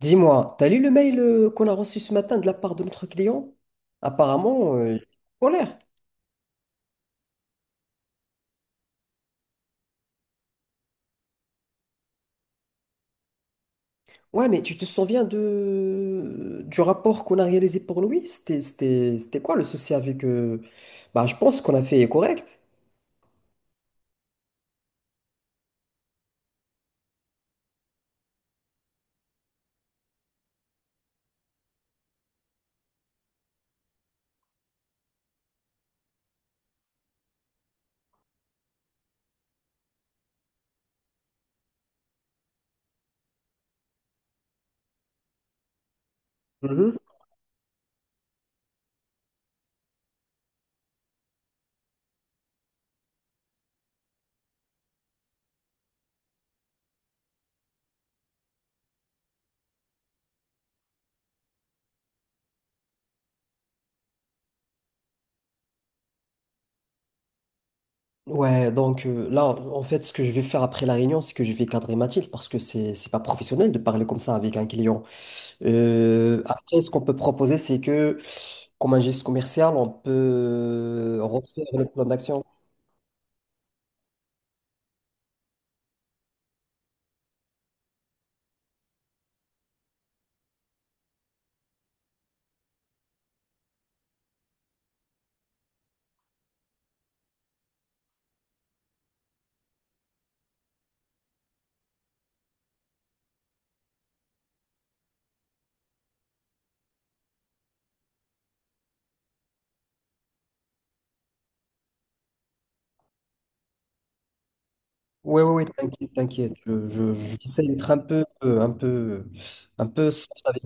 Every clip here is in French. Dis-moi, t'as lu le mail qu'on a reçu ce matin de la part de notre client? Apparemment, il est en colère. Ouais, mais tu te souviens du rapport qu'on a réalisé pour lui? C'était quoi le souci avec Bah, je pense qu'on a fait correct. Hmhm. Ouais, donc là, en fait, ce que je vais faire après la réunion, c'est que je vais cadrer Mathilde parce que c'est pas professionnel de parler comme ça avec un client. Après, ce qu'on peut proposer, c'est que, comme un geste commercial, on peut refaire le plan d'action. Oui, oui, oui, t'inquiète, t'inquiète. J'essaie d'être un peu soft avec.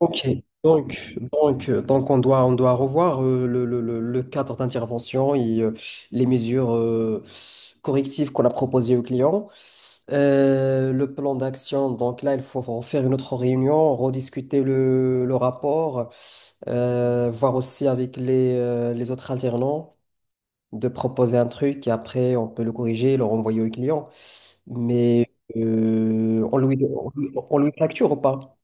Ok, donc on doit revoir le cadre d'intervention et les mesures correctives qu'on a proposées aux clients. Le plan d'action, donc là, il faut en faire une autre réunion, rediscuter le rapport, voir aussi avec les autres alternants, de proposer un truc et après on peut le corriger et le renvoyer au client. Mais on lui facture ou pas?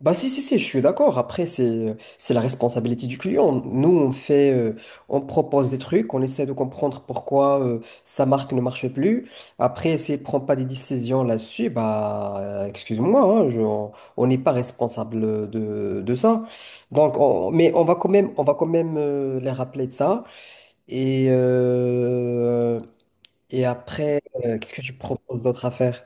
Bah si, si, si, je suis d'accord. Après, c'est la responsabilité du client. Nous, on propose des trucs, on essaie de comprendre pourquoi sa marque ne marche plus. Après, s'il ne prend pas des décisions là-dessus, bah excuse-moi, hein, on n'est pas responsable de ça. Donc, mais on va quand même, on va quand même les rappeler de ça. Et, euh, et après, qu'est-ce que tu proposes d'autre à faire?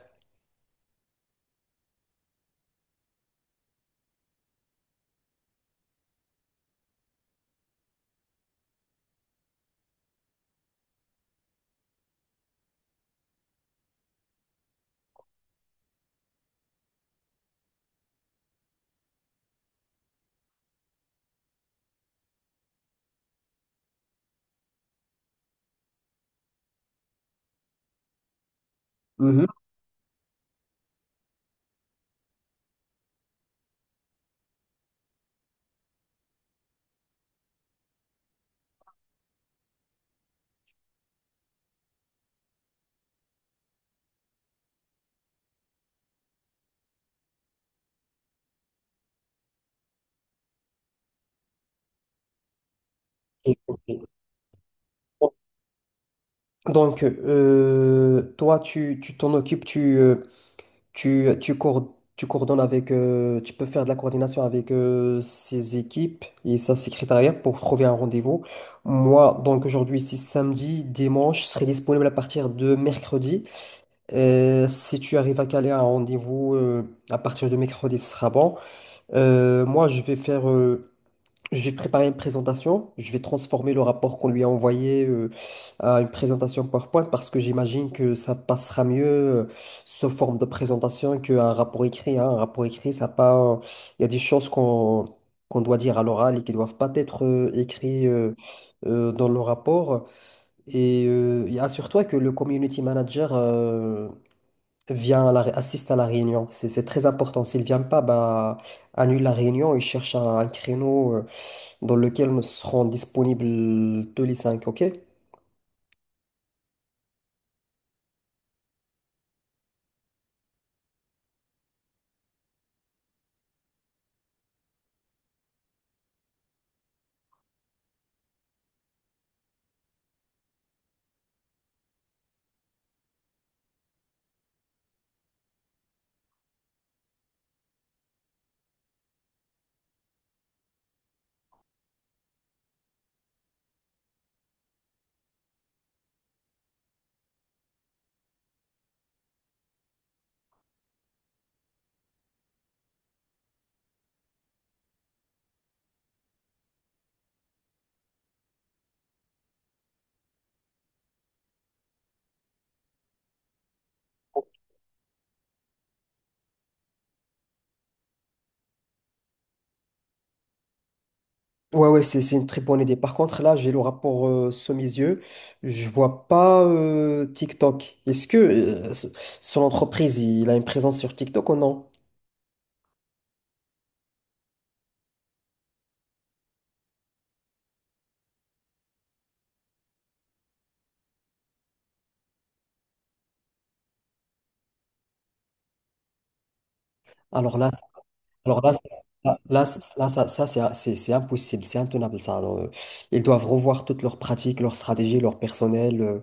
Mhm. Donc, toi, tu t'en occupes, tu coordonnes avec, tu peux faire de la coordination avec ses équipes et sa secrétariat pour trouver un rendez-vous. Moi, donc aujourd'hui, c'est samedi, dimanche, je serai disponible à partir de mercredi. Si tu arrives à caler un rendez-vous à partir de mercredi, ce sera bon. Moi, je vais faire. J'ai préparé une présentation. Je vais transformer le rapport qu'on lui a envoyé à une présentation PowerPoint parce que j'imagine que ça passera mieux sous forme de présentation qu'un rapport écrit, hein. Un rapport écrit, ça pas. Il y a des choses qu'on doit dire à l'oral et qui doivent pas être écrites dans le rapport. Et assure-toi que le community manager vient à la assiste à la réunion. C'est très important. S'il vient pas, bah annule la réunion et cherche un créneau dans lequel nous serons disponibles tous les cinq, ok? Ouais, ouais, c'est une très bonne idée. Par contre, là, j'ai le rapport sous mes yeux. Je vois pas TikTok. Est-ce que son entreprise, il a une présence sur TikTok ou non? Alors là, alors là, c'est impossible, c'est intenable ça. Alors, ils doivent revoir toutes leurs pratiques, leurs stratégies, leur personnel. euh,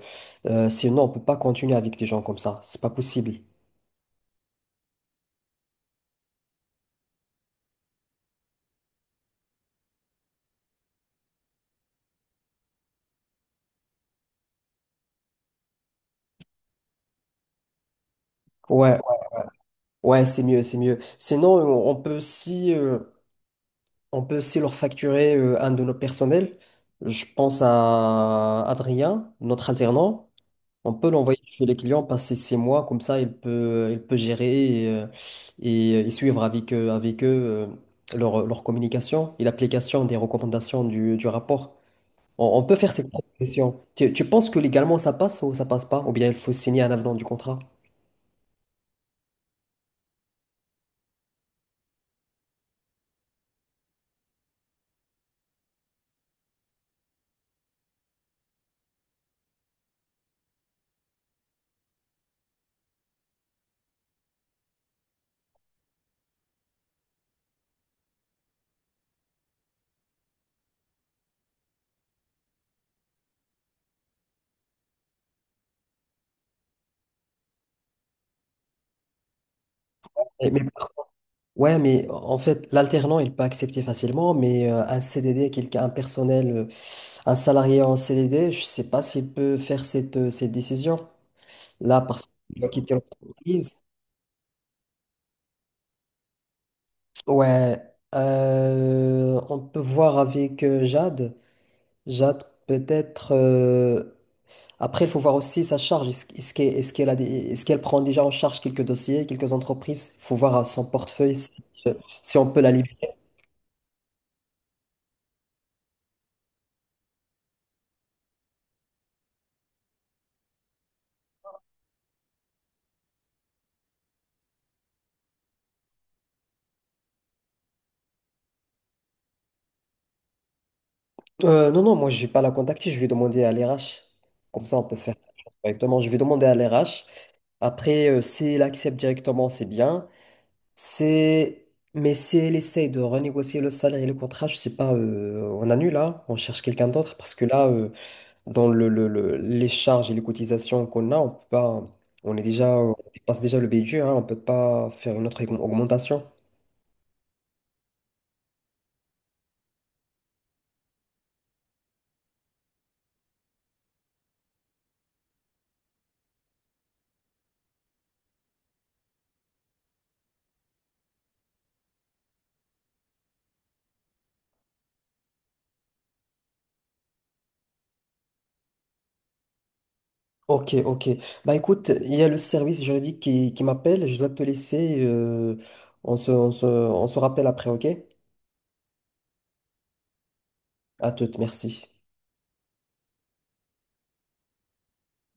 euh, Sinon, on peut pas continuer avec des gens comme ça. C'est pas possible. Ouais, ouais, c'est mieux, c'est mieux. Sinon, on peut aussi leur facturer un de nos personnels. Je pense à Adrien, notre alternant. On peut l'envoyer chez les clients, passer six mois, comme ça il peut gérer et suivre avec eux leur communication et l'application des recommandations du rapport. On peut faire cette proposition. Tu penses que légalement ça passe ou ça passe pas? Ou bien il faut signer un avenant du contrat? Mais Ouais, mais en fait, l'alternant, il peut accepter facilement, mais un CDD, quelqu'un, un personnel, un salarié en CDD, je sais pas s'il peut faire cette décision. Là, parce qu'il va quitter l'entreprise. Ouais, on peut voir avec Jade. Jade, peut-être. Après, il faut voir aussi sa charge. Est-ce qu'elle prend déjà en charge quelques dossiers, quelques entreprises? Il faut voir à son portefeuille si on peut la libérer. Non, non, moi je vais pas la contacter, je vais demander à l'RH. Comme ça, on peut faire directement. Je vais demander à l'RH. Après, si elle accepte directement, c'est bien. C'est... Mais si elle essaye de renégocier le salaire et le contrat, je sais pas, on annule là, on cherche quelqu'un d'autre parce que là, dans les charges et les cotisations qu'on a, on peut pas, on dépasse déjà le budget, hein, on peut pas faire une autre augmentation. Ok, ok. Bah écoute, il y a le service juridique qui m'appelle, je dois te laisser. On se rappelle après, ok? À toute, merci.